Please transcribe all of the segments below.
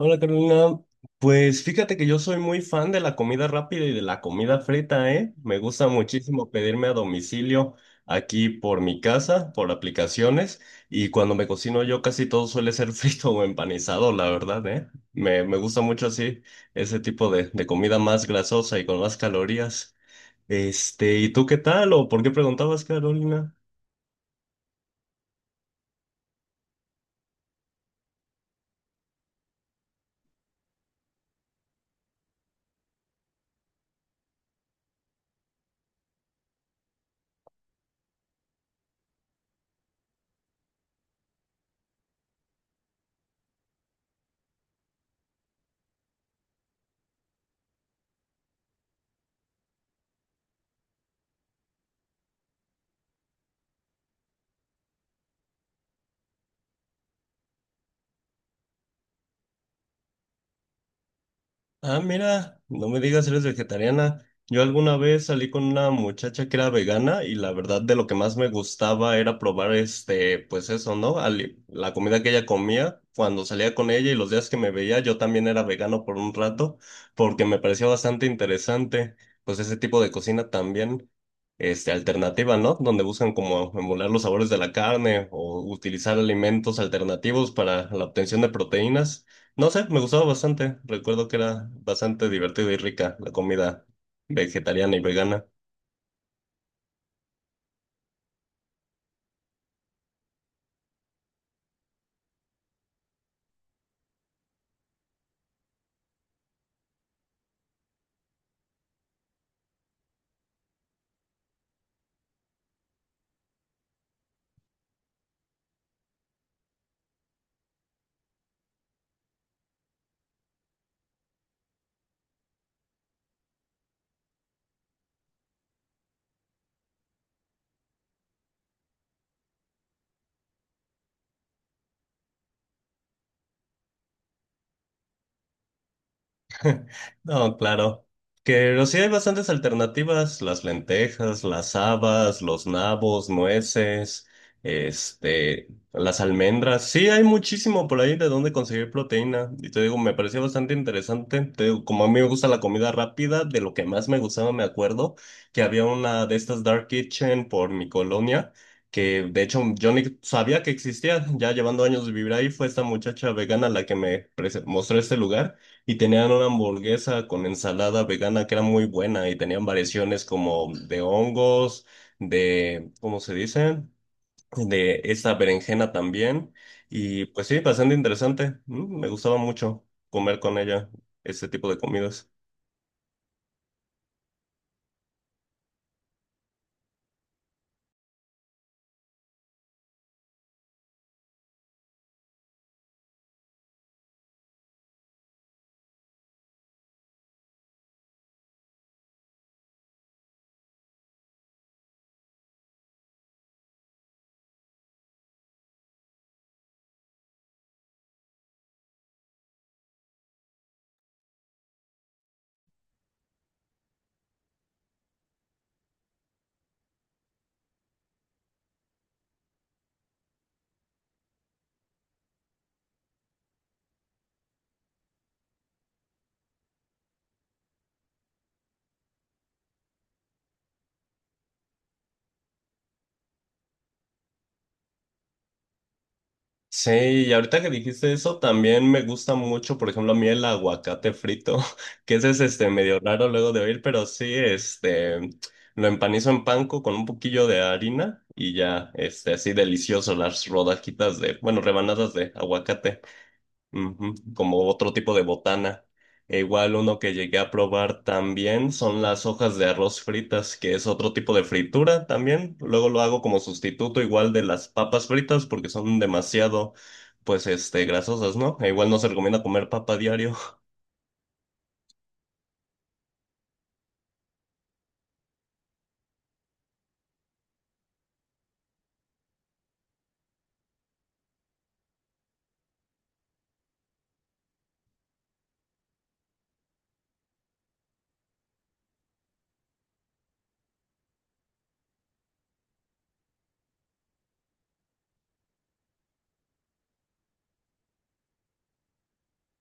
Hola Carolina, pues fíjate que yo soy muy fan de la comida rápida y de la comida frita, ¿eh? Me gusta muchísimo pedirme a domicilio aquí por mi casa, por aplicaciones, y cuando me cocino yo casi todo suele ser frito o empanizado, la verdad, ¿eh? Me gusta mucho así ese tipo de comida más grasosa y con más calorías. Este, ¿y tú qué tal? ¿O por qué preguntabas, Carolina? Ah, mira, no me digas, eres vegetariana. Yo alguna vez salí con una muchacha que era vegana y la verdad de lo que más me gustaba era probar este, pues eso, ¿no? La comida que ella comía cuando salía con ella y los días que me veía, yo también era vegano por un rato porque me pareció bastante interesante, pues ese tipo de cocina también, este, alternativa, ¿no? Donde buscan como emular los sabores de la carne o utilizar alimentos alternativos para la obtención de proteínas. No sé, me gustaba bastante. Recuerdo que era bastante divertida y rica la comida vegetariana y vegana. No, claro. Que pero sí hay bastantes alternativas, las lentejas, las habas, los nabos, nueces, este, las almendras. Sí, hay muchísimo por ahí de dónde conseguir proteína. Y te digo, me pareció bastante interesante. Te digo, como a mí me gusta la comida rápida, de lo que más me gustaba me acuerdo que había una de estas dark kitchen por mi colonia, que de hecho yo ni sabía que existía, ya llevando años de vivir ahí, fue esta muchacha vegana la que me mostró este lugar y tenían una hamburguesa con ensalada vegana que era muy buena y tenían variaciones como de hongos, de, ¿cómo se dice? De esta berenjena también. Y pues sí, bastante interesante. Me gustaba mucho comer con ella ese tipo de comidas. Sí, y ahorita que dijiste eso, también me gusta mucho, por ejemplo, a mí el aguacate frito, que ese es este medio raro luego de oír, pero sí, este, lo empanizo en panko con un poquillo de harina y ya, este, así delicioso las rodajitas de, bueno, rebanadas de aguacate. Ujú. Como otro tipo de botana. E igual uno que llegué a probar también son las hojas de arroz fritas, que es otro tipo de fritura también. Luego lo hago como sustituto igual de las papas fritas porque son demasiado, pues, este, grasosas, ¿no? E igual no se recomienda comer papa diario.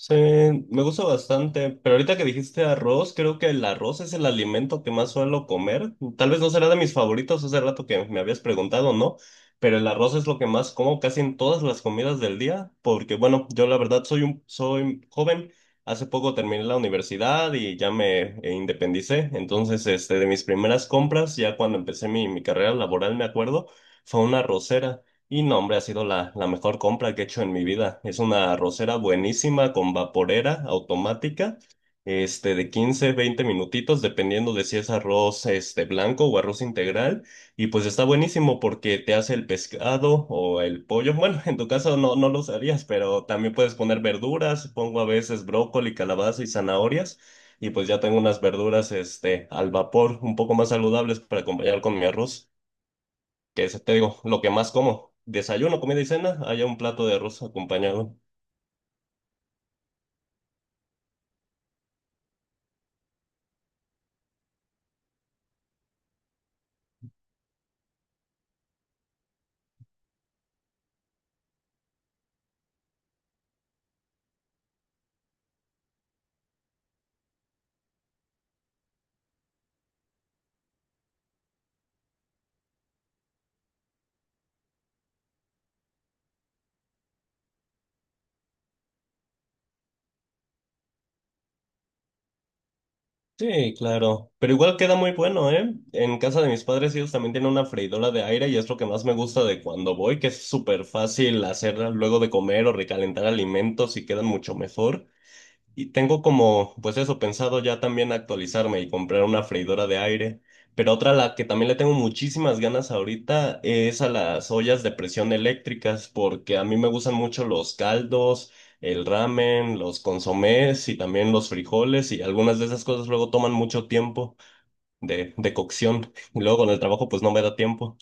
Sí, me gusta bastante, pero ahorita que dijiste arroz, creo que el arroz es el alimento que más suelo comer. Tal vez no será de mis favoritos, hace rato que me habías preguntado, ¿no? Pero el arroz es lo que más como casi en todas las comidas del día, porque bueno, yo la verdad soy un, soy joven, hace poco terminé la universidad y ya me independicé, entonces este, de mis primeras compras, ya cuando empecé mi carrera laboral, me acuerdo, fue una arrocera. Y no, hombre, ha sido la mejor compra que he hecho en mi vida. Es una arrocera buenísima con vaporera automática, este, de 15 20 minutitos, dependiendo de si es arroz, este, blanco o arroz integral. Y pues está buenísimo porque te hace el pescado o el pollo. Bueno, en tu caso no lo usarías, pero también puedes poner verduras. Pongo a veces brócoli, calabaza y zanahorias. Y pues ya tengo unas verduras, este, al vapor, un poco más saludables para acompañar con mi arroz que es, te digo, lo que más como. Desayuno, comida y cena, haya un plato de arroz acompañado. Sí, claro. Pero igual queda muy bueno, ¿eh? En casa de mis padres ellos también tienen una freidora de aire y es lo que más me gusta de cuando voy, que es súper fácil hacerla luego de comer o recalentar alimentos y quedan mucho mejor. Y tengo como, pues eso, pensado ya también actualizarme y comprar una freidora de aire. Pero otra a la que también le tengo muchísimas ganas ahorita es a las ollas de presión eléctricas, porque a mí me gustan mucho los caldos, el ramen, los consomés y también los frijoles y algunas de esas cosas luego toman mucho tiempo de cocción. Y luego con el trabajo pues no me da tiempo.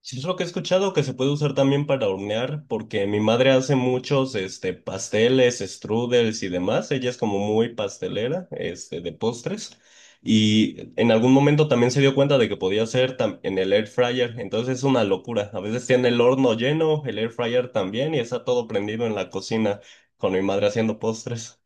Sí, es lo que he escuchado que se puede usar también para hornear, porque mi madre hace muchos este, pasteles, strudels y demás. Ella es como muy pastelera este, de postres. Y en algún momento también se dio cuenta de que podía hacer en el air fryer. Entonces es una locura. A veces tiene el horno lleno, el air fryer también, y está todo prendido en la cocina con mi madre haciendo postres.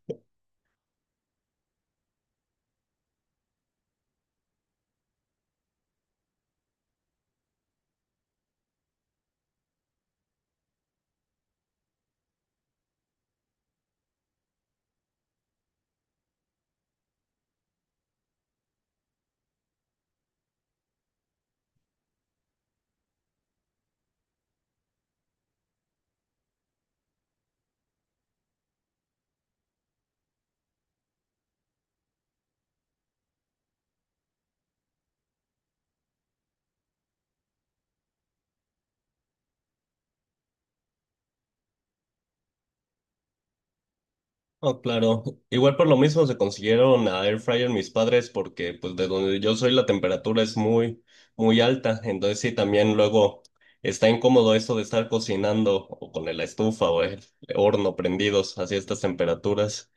Oh, claro. Igual por lo mismo se consiguieron a air fryer mis padres porque pues de donde yo soy la temperatura es muy muy alta, entonces sí también luego está incómodo eso de estar cocinando o con la estufa o el horno prendidos así a estas temperaturas.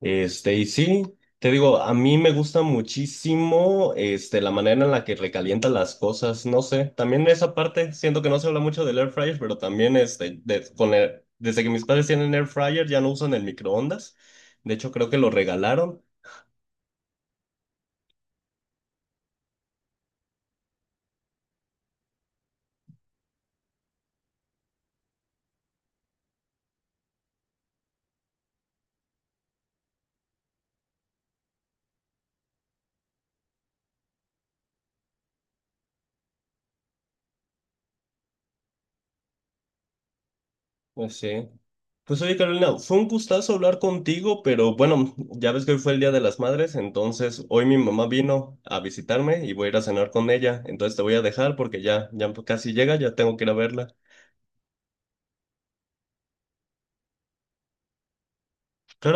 Este, y sí, te digo, a mí me gusta muchísimo, este, la manera en la que recalienta las cosas, no sé, también esa parte, siento que no se habla mucho del air fryer, pero también, este, desde que mis padres tienen air fryer ya no usan el microondas, de hecho creo que lo regalaron, pues sí. Pues oye, Carolina, fue un gustazo hablar contigo, pero bueno, ya ves que hoy fue el Día de las Madres, entonces hoy mi mamá vino a visitarme y voy a ir a cenar con ella, entonces te voy a dejar porque ya, ya casi llega, ya tengo que ir a verla. Claro.